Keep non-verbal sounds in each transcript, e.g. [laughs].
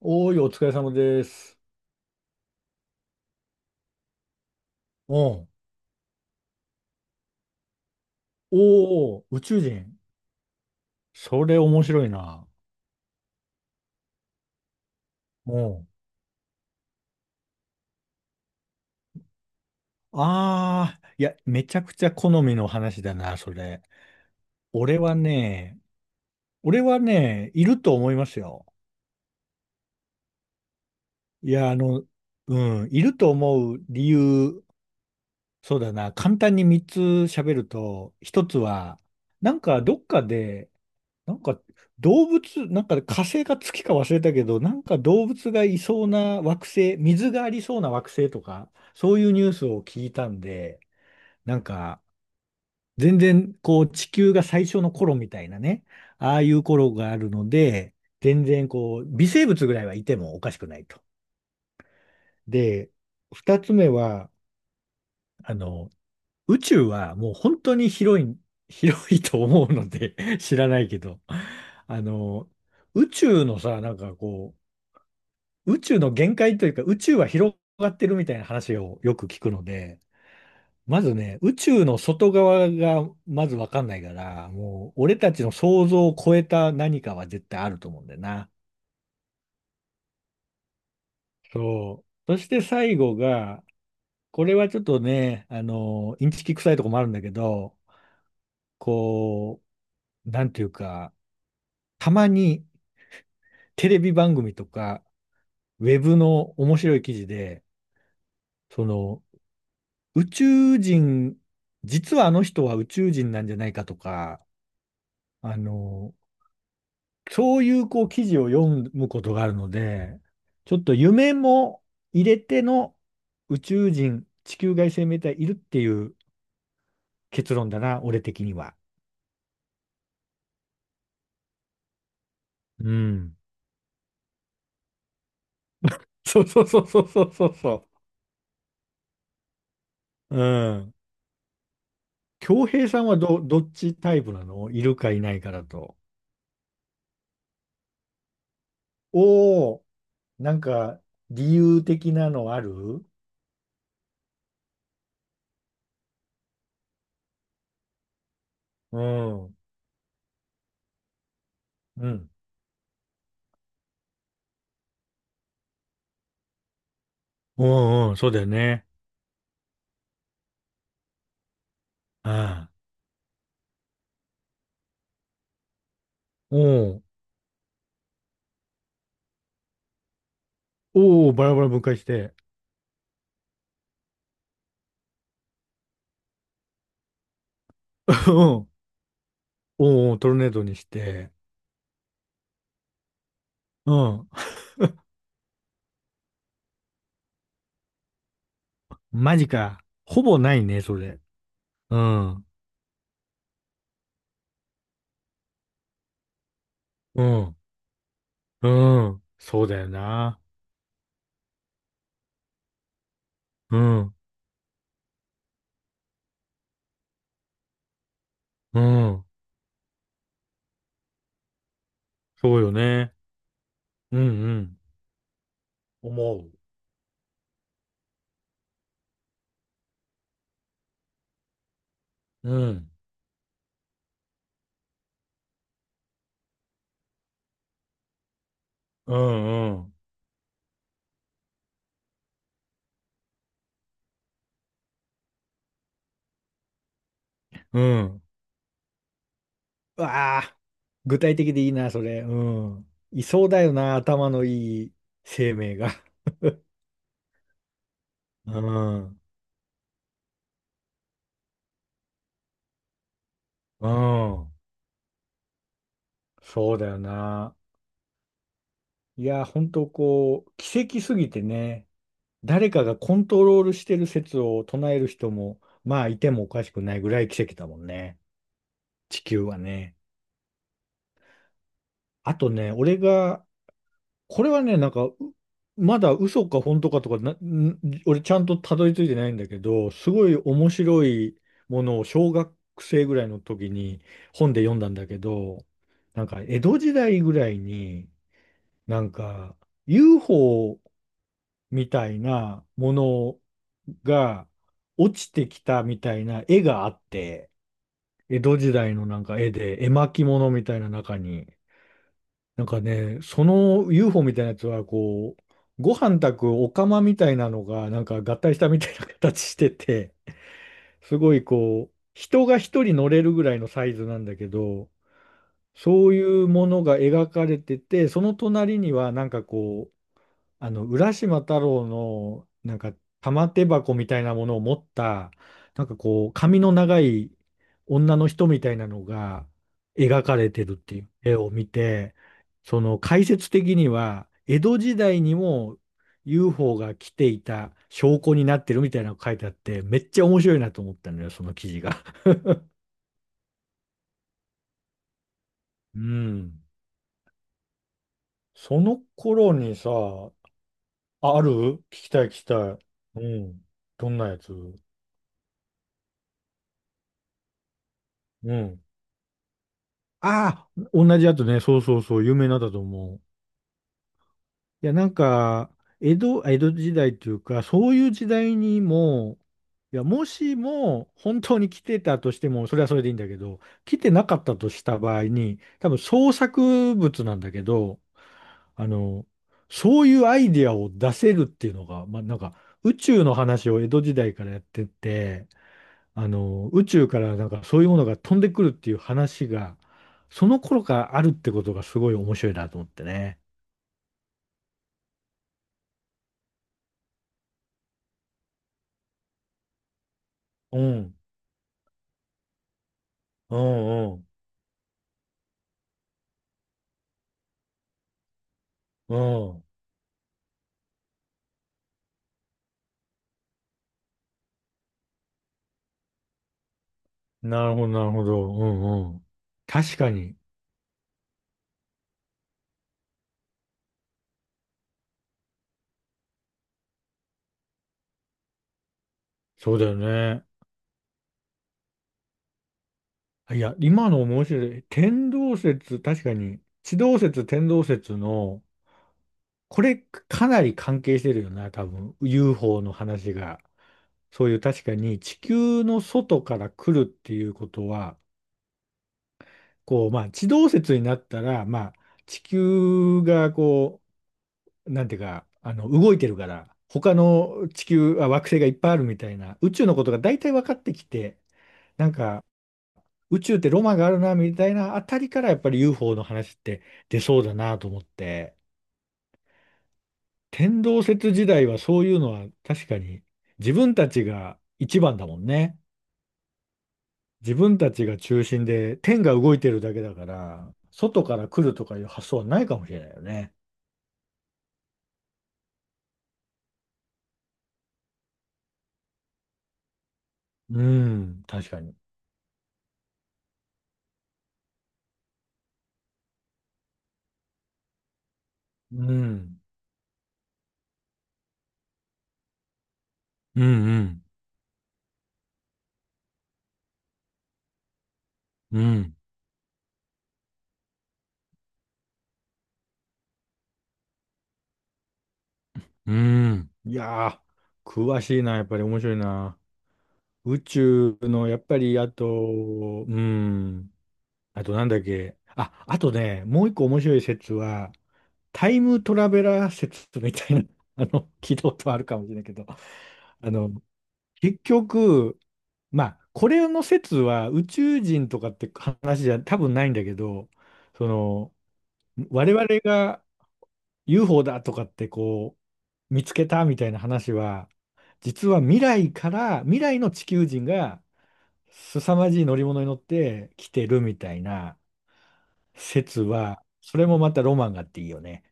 おーい、お疲れ様です。おおー、宇宙人。それ面白いな。おああー、いや、めちゃくちゃ好みの話だな、それ。俺はね、俺はね、いると思いますよ。いや、あの、ういると思う理由、そうだな、簡単に3つ喋ると、1つは、どっかでなんか動物、なんかね火星か月か忘れたけど、なんか動物がいそうな惑星、水がありそうな惑星とか、そういうニュースを聞いたんで、なんか全然こう地球が最初の頃みたいなね、ああいう頃があるので、全然こう微生物ぐらいはいてもおかしくないと。で、二つ目は、あの、宇宙はもう本当に広い、広いと思うので [laughs] 知らないけど、あの、宇宙のさ、宇宙の限界というか、宇宙は広がってるみたいな話をよく聞くので、まずね、宇宙の外側がまずわかんないから、もう俺たちの想像を超えた何かは絶対あると思うんだよな。そう。そして最後が、これはちょっとね、インチキ臭いとこもあるんだけど、こう、なんていうか、たまにテレビ番組とか、ウェブの面白い記事で、その、宇宙人、実はあの人は宇宙人なんじゃないかとか、あの、そういうこう記事を読むことがあるので、ちょっと夢も入れての宇宙人、地球外生命体いるっていう結論だな、俺的には。うん。そうそうそうそうそうそうそう。うん。恭平さんはどっちタイプなの、いるかいないかだと。おお、なんか理由的なのある？うん。うん。うんうん、そうだよね。うん。おう、おう、バラバラ分解して。うん。おう、おう、トルネードにして。うん。マジか。ほぼないね、それ。うん。うん。うん。そうだよな。うん。うん。そうよね。うんうん。思う。うん。うんうん。うん。うわあ、具体的でいいな、それ。うん。いそうだよな、頭のいい生命が。うん。うん。そうだよな。いや、本当こう、奇跡すぎてね、誰かがコントロールしてる説を唱える人も、まあ、いてもおかしくないぐらい奇跡だもんね。地球はね。あとね、俺が、これはね、まだ嘘か本当かとかな、俺ちゃんとたどり着いてないんだけど、すごい面白いものを小学生ぐらいの時に本で読んだんだけど、なんか江戸時代ぐらいに、なんか UFO みたいなものが落ちてきたみたいな絵があって、江戸時代のなんか絵で絵巻物みたいな中に、なんかね、その UFO みたいなやつはこう、ご飯炊くお釜みたいなのがなんか合体したみたいな形してて、すごいこう、人が一人乗れるぐらいのサイズなんだけど、そういうものが描かれてて、その隣にはなんかこう、あの、浦島太郎の、なんか、玉手箱みたいなものを持った、なんかこう、髪の長い女の人みたいなのが描かれてるっていう絵を見て、その解説的には、江戸時代にも UFO が来ていた証拠になってるみたいなのが書いてあって、めっちゃ面白いなと思ったのよ、その記事が。[laughs] うん。その頃にさ、ある？聞きたい聞きたい。うん。どんなやつ？うん。ああ、同じやつね。そうそうそう、有名なんだと思う。いや、なんか、江戸時代っていうか、そういう時代にも、いや、もしも本当に来てたとしても、それはそれでいいんだけど、来てなかったとした場合に、多分創作物なんだけど、あの、そういうアイディアを出せるっていうのが、まあ、なんか、宇宙の話を江戸時代からやってて、宇宙からなんかそういうものが飛んでくるっていう話が、その頃からあるってことがすごい面白いなと思ってね。うん、うん、うん、うん。なるほど、なるほど。うん、うん。確かに、そうだよね。いや、今の面白い。天動説、確かに、地動説、天動説の、これかなり関係してるよな、多分。UFO の話が。そういう確かに地球の外から来るっていうことは、こう、まあ、地動説になったら、まあ、地球がこう、なんていうか、あの、動いてるから、他の地球、あ、惑星がいっぱいあるみたいな、宇宙のことが大体分かってきて、なんか、宇宙ってロマンがあるな、みたいなあたりから、やっぱり UFO の話って出そうだなと思って、天動説時代はそういうのは確かに、自分たちが一番だもんね。自分たちが中心で、天が動いてるだけだから、外から来るとかいう発想はないかもしれないよね。うん、確かに。うん、うん、うん、うん、うん。いやー、詳しいな、やっぱり面白いな。宇宙の、やっぱり、あと、うん、あとなんだっけ。あ、あとね、もう一個面白い説は、タイムトラベラー説みたいな、[laughs] 聞いたことあるかもしれないけど、結局、まあ、これの説は宇宙人とかって話じゃ多分ないんだけど、その、我々が UFO だとかってこう、見つけたみたいな話は、実は未来から、未来の地球人が凄まじい乗り物に乗って来てるみたいな説は、それもまたロマンがあっていいよね。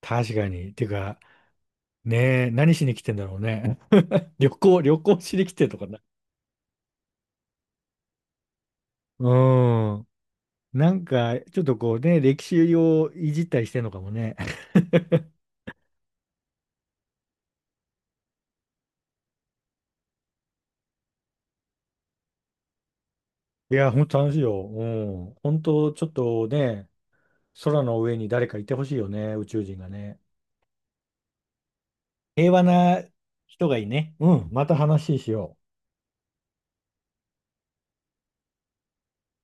確かに。てか、ねえ、何しに来てんだろうね。[laughs] 旅行しに来てとかな。うん。なんか、ちょっとこうね、歴史をいじったりしてんのかもね。[laughs] いや、本当楽しいよ。うん。本当、ちょっとね、空の上に誰かいてほしいよね、宇宙人がね。平和な人がいいね。うん。また話しよう。